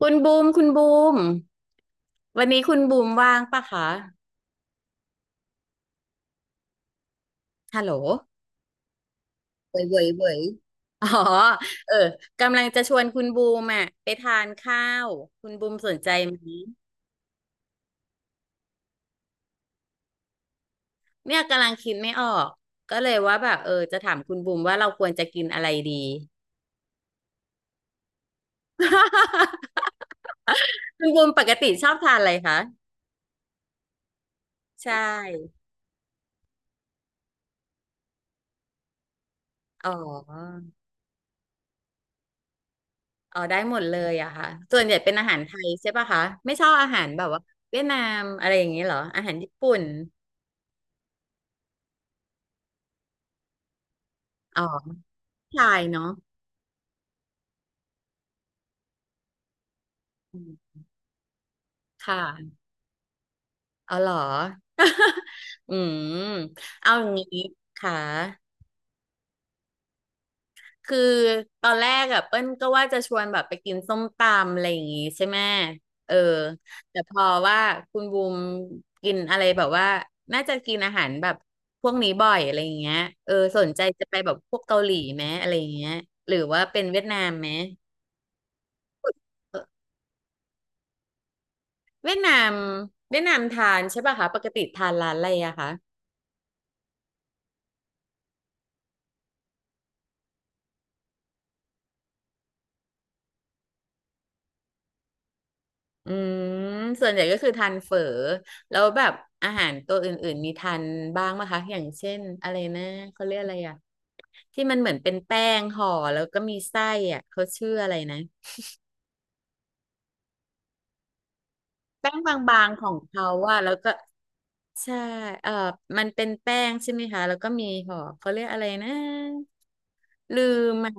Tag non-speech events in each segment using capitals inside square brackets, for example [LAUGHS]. คุณบูมคุณบูมวันนี้คุณบูมว่างปะคะฮัลโหลเว่ยเว่ยเว่ยอ๋อเออกำลังจะชวนคุณบูมอ่ะไปทานข้าวคุณบูมสนใจไหมเนี่ยกำลังคิดไม่ออกก็เลยว่าแบบเออจะถามคุณบูมว่าเราควรจะกินอะไรดี [LAUGHS] คุณบูมปกติชอบทานอะไรคะใช่อ๋ออ๋อได้หมดเลยอะค่ะส่วนใหญ่เป็นอาหารไทยใช่ปะคะไม่ชอบอาหารแบบว่าเวียดนามอะไรอย่างนี้เหรออาหารญี่ปุ่น อ๋อผู้ชายเนาะอืมค่ะเอาเหรอ [LAUGHS] อืมเอาอย่างนี้ค่ะคือตอนแรกอะเปิ้ลก็ว่าจะชวนแบบไปกินส้มตำอะไรอย่างงี้ใช่ไหมเออแต่พอว่าคุณบูมกินอะไรแบบว่าน่าจะกินอาหารแบบพวกนี้บ่อยอะไรอย่างเงี้ยเออสนใจจะไปแบบพวกเกาหลีไหมอะไรอย่างเงี้ยหรือว่าเป็นเวียดนามไหมเออเวียดนามทานใช่ป่ะคะปกติทานร้านอะไรอะคะ อืมส่วนใหญ่ก็คือทานเฝอแล้วแบบอาหารตัวอื่นๆมีทานบ้างไหมคะอย่างเช่นอะไรนะเขาเรียกอะไรอ่ะที่มันเหมือนเป็นแป้งห่อแล้วก็มีไส้อ่ะเขาชื่ออะไรนะแป้งบางๆของเขาว่าแล้วก็ใช่เออมันเป็นแป้งใช่ไหมคะแล้วก็มีห่อเขาเรียกอะไรนะลืมอ่ะ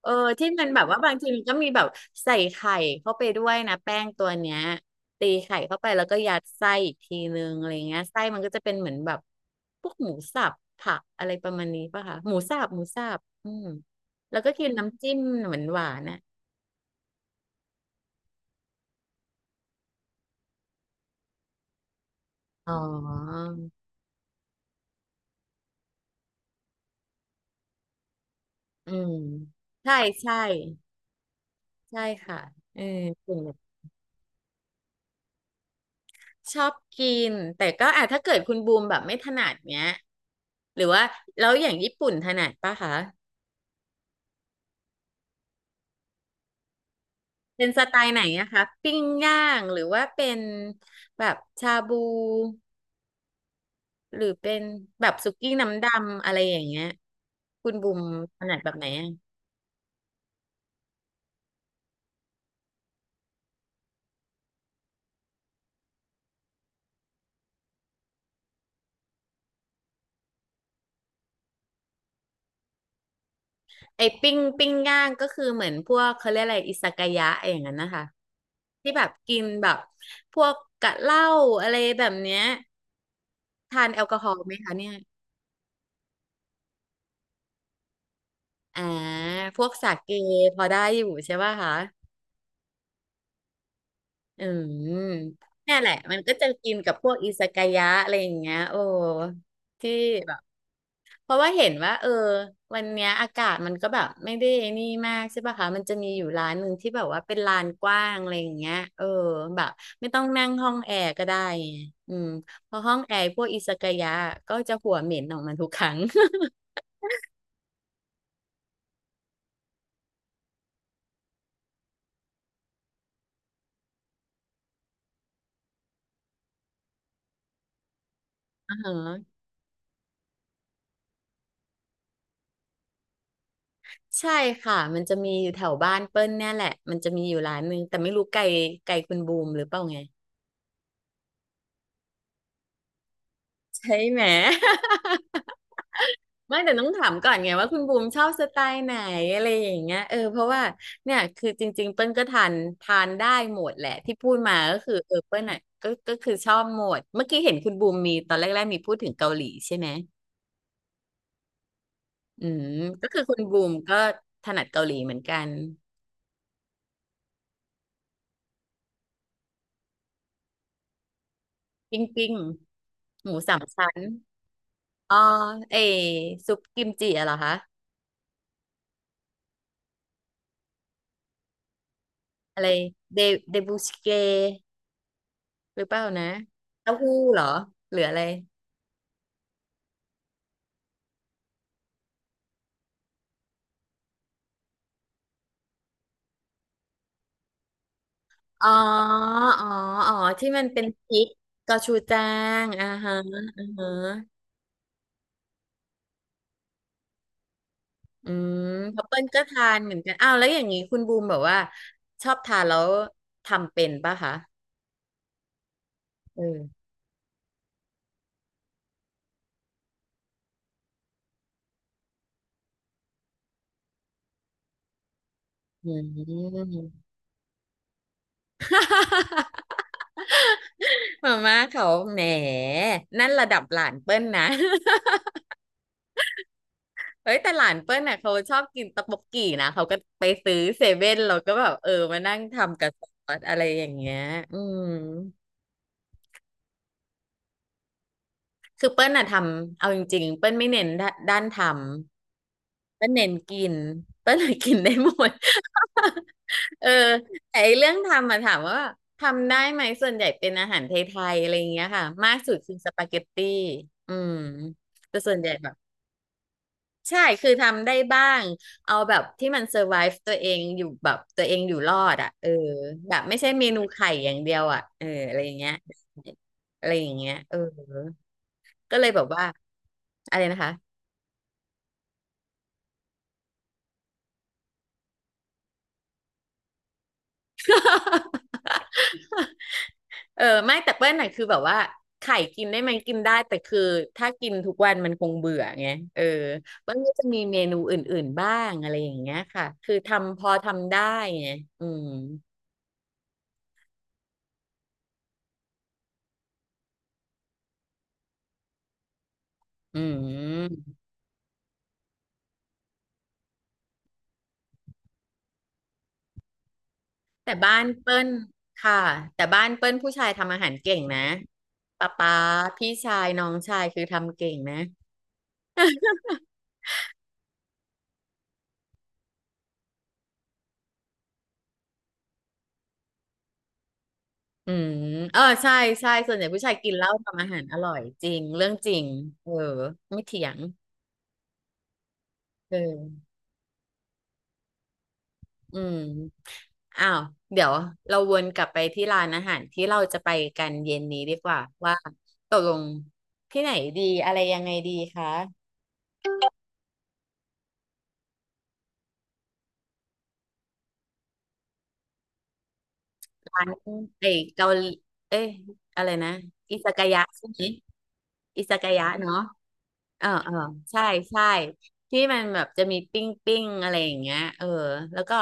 เออที่มันแบบว่าบางทีมันก็มีแบบใส่ไข่เข้าไปด้วยนะแป้งตัวเนี้ยตีไข่เข้าไปแล้วก็ยัดไส้อีกทีนึงอะไรเงี้ยไส้มันก็จะเป็นเหมือนแบบพวกหมูสับผักอะไรประมาณนี้ป่ะคะหมูสับอืมแล้วก็กินน้ำจิ้มเหมือนหวานๆน่ะอ๋ออืมใช่ใช่ใช่ค่ะเออกินแบบชอบกินแต่ก็อ่ะถ้าเกิดคุณบูมแบบไม่ถนัดเนี้ยหรือว่าแล้วอย่างญี่ปุ่นถนัดป่ะคะ เป็นสไตล์ไหนอะคะปิ้งย่างหรือว่าเป็นแบบชาบูหรือเป็นแบบสุกี้น้ำดำอะไรอย่างเงี้ยคุณบุมถนัดแบบไหนอะไอ้ปิ้งย่างก็คือเหมือนพวกเขาเรียกอะไรอิซากายะอย่างนั้นนะคะที่แบบกินแบบพวกกะเหล้าอะไรแบบเนี้ยทานแอลกอฮอล์ไหมคะเนี่ยอ่าพวกสาเกพอได้อยู่ใช่ป่ะคะ อืมเนี่ยแหละมันก็จะกินกับพวกอิซากายะอะไรอย่างเงี้ยโอ้ที่แบบเพราะว่าเห็นว่าเออวันเนี้ยอากาศมันก็แบบไม่ได้นี่มากใช่ป่ะคะมันจะมีอยู่ร้านหนึ่งที่แบบว่าเป็นลานกว้างอะไรอย่างเงี้ยเออแบบไม่ต้องนั่งห้องแอร์ก็ได้ไงอืมเพราะห้องแอร์พวกอิซากายะก็จะหัวเหม็นออกมาทุกครั้ง [LAUGHS] อ่าฮะใช่ค่ะมันจะมีอยู่แถวบ้านเปิ้ลเนี่ยแหละมันจะมีอยู่ร้านหนึงแต่ไม่รู้ไกลไกลคุณบูมหรือเปล่าไง ใช่ไหม [LAUGHS] ไม่แต่ต้องถามก่อนไงว่าคุณบูมชอบสไตล์ไหนอะไรอย่างเงี้ยเออเพราะว่าเนี่ยคือจริงๆเปิ้ลก็ทานได้หมดแหละที่พูดมาก็คือเออเปิ้ลอ่ะก็คือชอบหมดเมื่อกี้เห็นคุณบูมมีตอนแรกๆมีพูดถึงเกาหลีใช่ไหมอืมก็คือคุณบูมก็ถนัดเกาหลีเหมือนกันปิ้งหมูสามชั้นอ๋อเอซุปกิมจิอะเหรอคะอะไรเดเดบูสเกหรือเปล่านะเต้าหู้เหรอหรืออะไร อ๋ออ๋ออ๋อ ที่มันเป็นพริกกระชูแจ้งอ่าฮะอ่าฮะอืมเพบเปิ้ลก็ทานเหมือนกันอ้าวแล้วอย่างนี้คุณบูมแบบว่าชอบทานแล้วทำเป็นป่ะคะเอออืม [LAUGHS] มาม่าเขาแหมนั่นระดับหลานเปิ้ลนะ [LAUGHS] เฮ้ยแต่หลานเปิ้ลน่ะเขาชอบกินตะบกกี่นะเขาก็ไปซื้อเซเว่นเราก็แบบเออมานั่งทำกับซอสอะไรอย่างเงี้ยอืม คือเปิ้ลอะทำเอาจริงๆเปิ้ลไม่เน้นด้านทำเปิ้ลเน้นกินเปิ้ลเลยกินได้หมด [LAUGHS] เออแต่ไอ้เรื่องทำมาถามว่าทำได้ไหมส่วนใหญ่เป็นอาหารไทยๆอะไรอย่างเงี้ยค่ะมากสุดคือสปาเกตตี้อืมแต่ส่วนใหญ่แบบใช่คือทำได้บ้างเอาแบบที่มันเซอร์ไ e ฟ์ตัวเองอยู่แบบตัวเองอยู่รอดอ่ะเออแบบไม่ใช่เมนูไข่อย่างเดียวอ่ะเอออะไรอย่างเงี้ยอะไรอย่างเงี้ยเออ ก็เลยแบบว่าอะไรนะคะ [LAUGHS] เออไม่แต่เปิ้ลน่ะคือแบบว่าไข่กินได้ไหมกินได้แต่คือถ้ากินทุกวันมันคงเบื่อไงเออเปิ้ลก็จะมีเมนูอื่นๆบ้างอะไรอย่างเงี้ยค่ะคือทำพอทำได้ไงอืมอืมแต่บ้านเปิ้ลค่ะแต่บ้านเปิ้ลผู้ชายทำอาหารเก่งนะป๊าป๊าพี่ชายน้องชายคือทำเก่งนะ อืมเออใช่ใช่ส่วนใหญ่ผู้ชายกินเหล้าทำอาหารอร่อยจริงเรื่องจริงเออไม่เถียงเอออืมอ้าวเดี๋ยวเราวนกลับไปที่ร้านอาหารที่เราจะไปกันเย็นนี้ดีกว่าว่าตกลงที่ไหนดีอะไรยังไงดีคะร้านไอ้เกาหลีเอ้ยอะไรนะอิซากายะใช่ไหมอิซากายะเนาะ อ่าอ่าใช่ใช่ที่มันแบบจะมีปิ้งปิ้งอะไรอย่างเงี้ยเออแล้วก็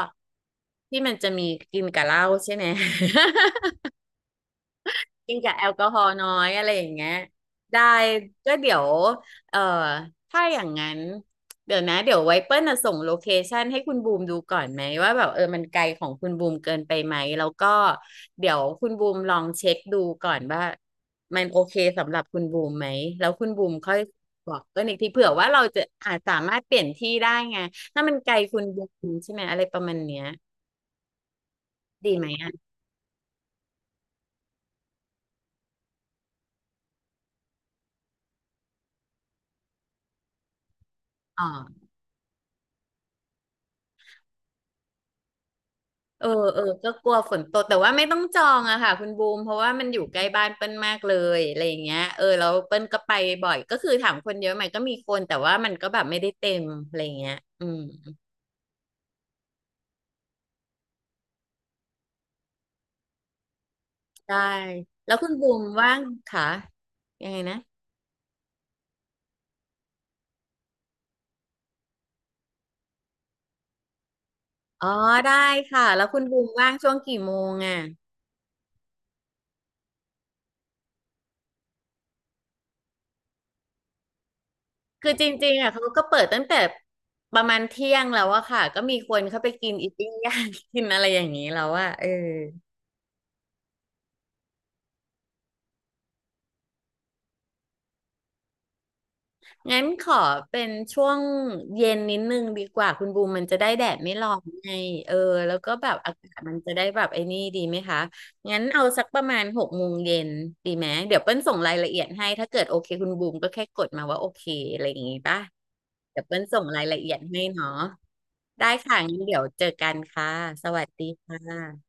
ที่มันจะมีกินกับเหล้าใช่ไหม [LAUGHS] กินกับแอลกอฮอล์น้อยอะไรอย่างเงี้ยได้ก็เดี๋ยวเอ่อถ้าอย่างนั้นเดี๋ยวนะเดี๋ยวไว้เปิ้ลน่ะส่งโลเคชันให้คุณบูมดูก่อนไหมว่าแบบเออมันไกลของคุณบูมเกินไปไหมแล้วก็เดี๋ยวคุณบูมลองเช็คดูก่อนว่ามันโอเคสำหรับคุณบูมไหมแล้วคุณบูมค่อยบอกเปิ้ลอีกทีเผื่อว่าเราจะอาจสามารถเปลี่ยนที่ได้ไงถ้ามันไกลคุณบูมใช่ไหมอะไรประมาณเนี้ยดีไหมอ่ะอ๋อ เออเออก็กลัวฝนตกแต่ว่าไม่ต้องจองอะค่ะคุณบูมเพราะว่ามันอยู่ใกล้บ้านเปิ้ลมากเลยอะไรอย่างเงี้ยเออแล้วเปิ้ลก็ไปบ่อยก็คือถามคนเยอะไหมก็มีคนแต่ว่ามันก็แบบไม่ได้เต็มอะไรอย่างเงี้ยอืมได้แล้วคุณบูมว่างค่ะยังไงนะอ๋อได้ค่ะแล้วคุณบูมว่างช่วงกี่โมงอะคือจริงๆอ่ะเขาก็เปิดตั้งแต่ประมาณเที่ยงแล้วอะค่ะก็มีคนเข้าไปกินอีติ้งย่าง [LAUGHS] กินอะไรอย่างนี้แล้วอะเออ งั้นขอเป็นช่วงเย็นนิดนึงดีกว่าคุณบูมมันจะได้แดดไม่ร้อนไงเออแล้วก็แบบอากาศมันจะได้แบบไอ้นี่ดีไหมคะงั้นเอาสักประมาณ6 โมงเย็นดีไหมเดี๋ยวเปิ้ลส่งรายละเอียดให้ถ้าเกิดโอเคคุณบูมก็แค่กดมาว่าโอเคอะไรอย่างงี้ป่ะเดี๋ยวเปิ้ลส่งรายละเอียดให้เนาะได้ค่ะงั้นเดี๋ยวเจอกันค่ะสวัสดีค่ะ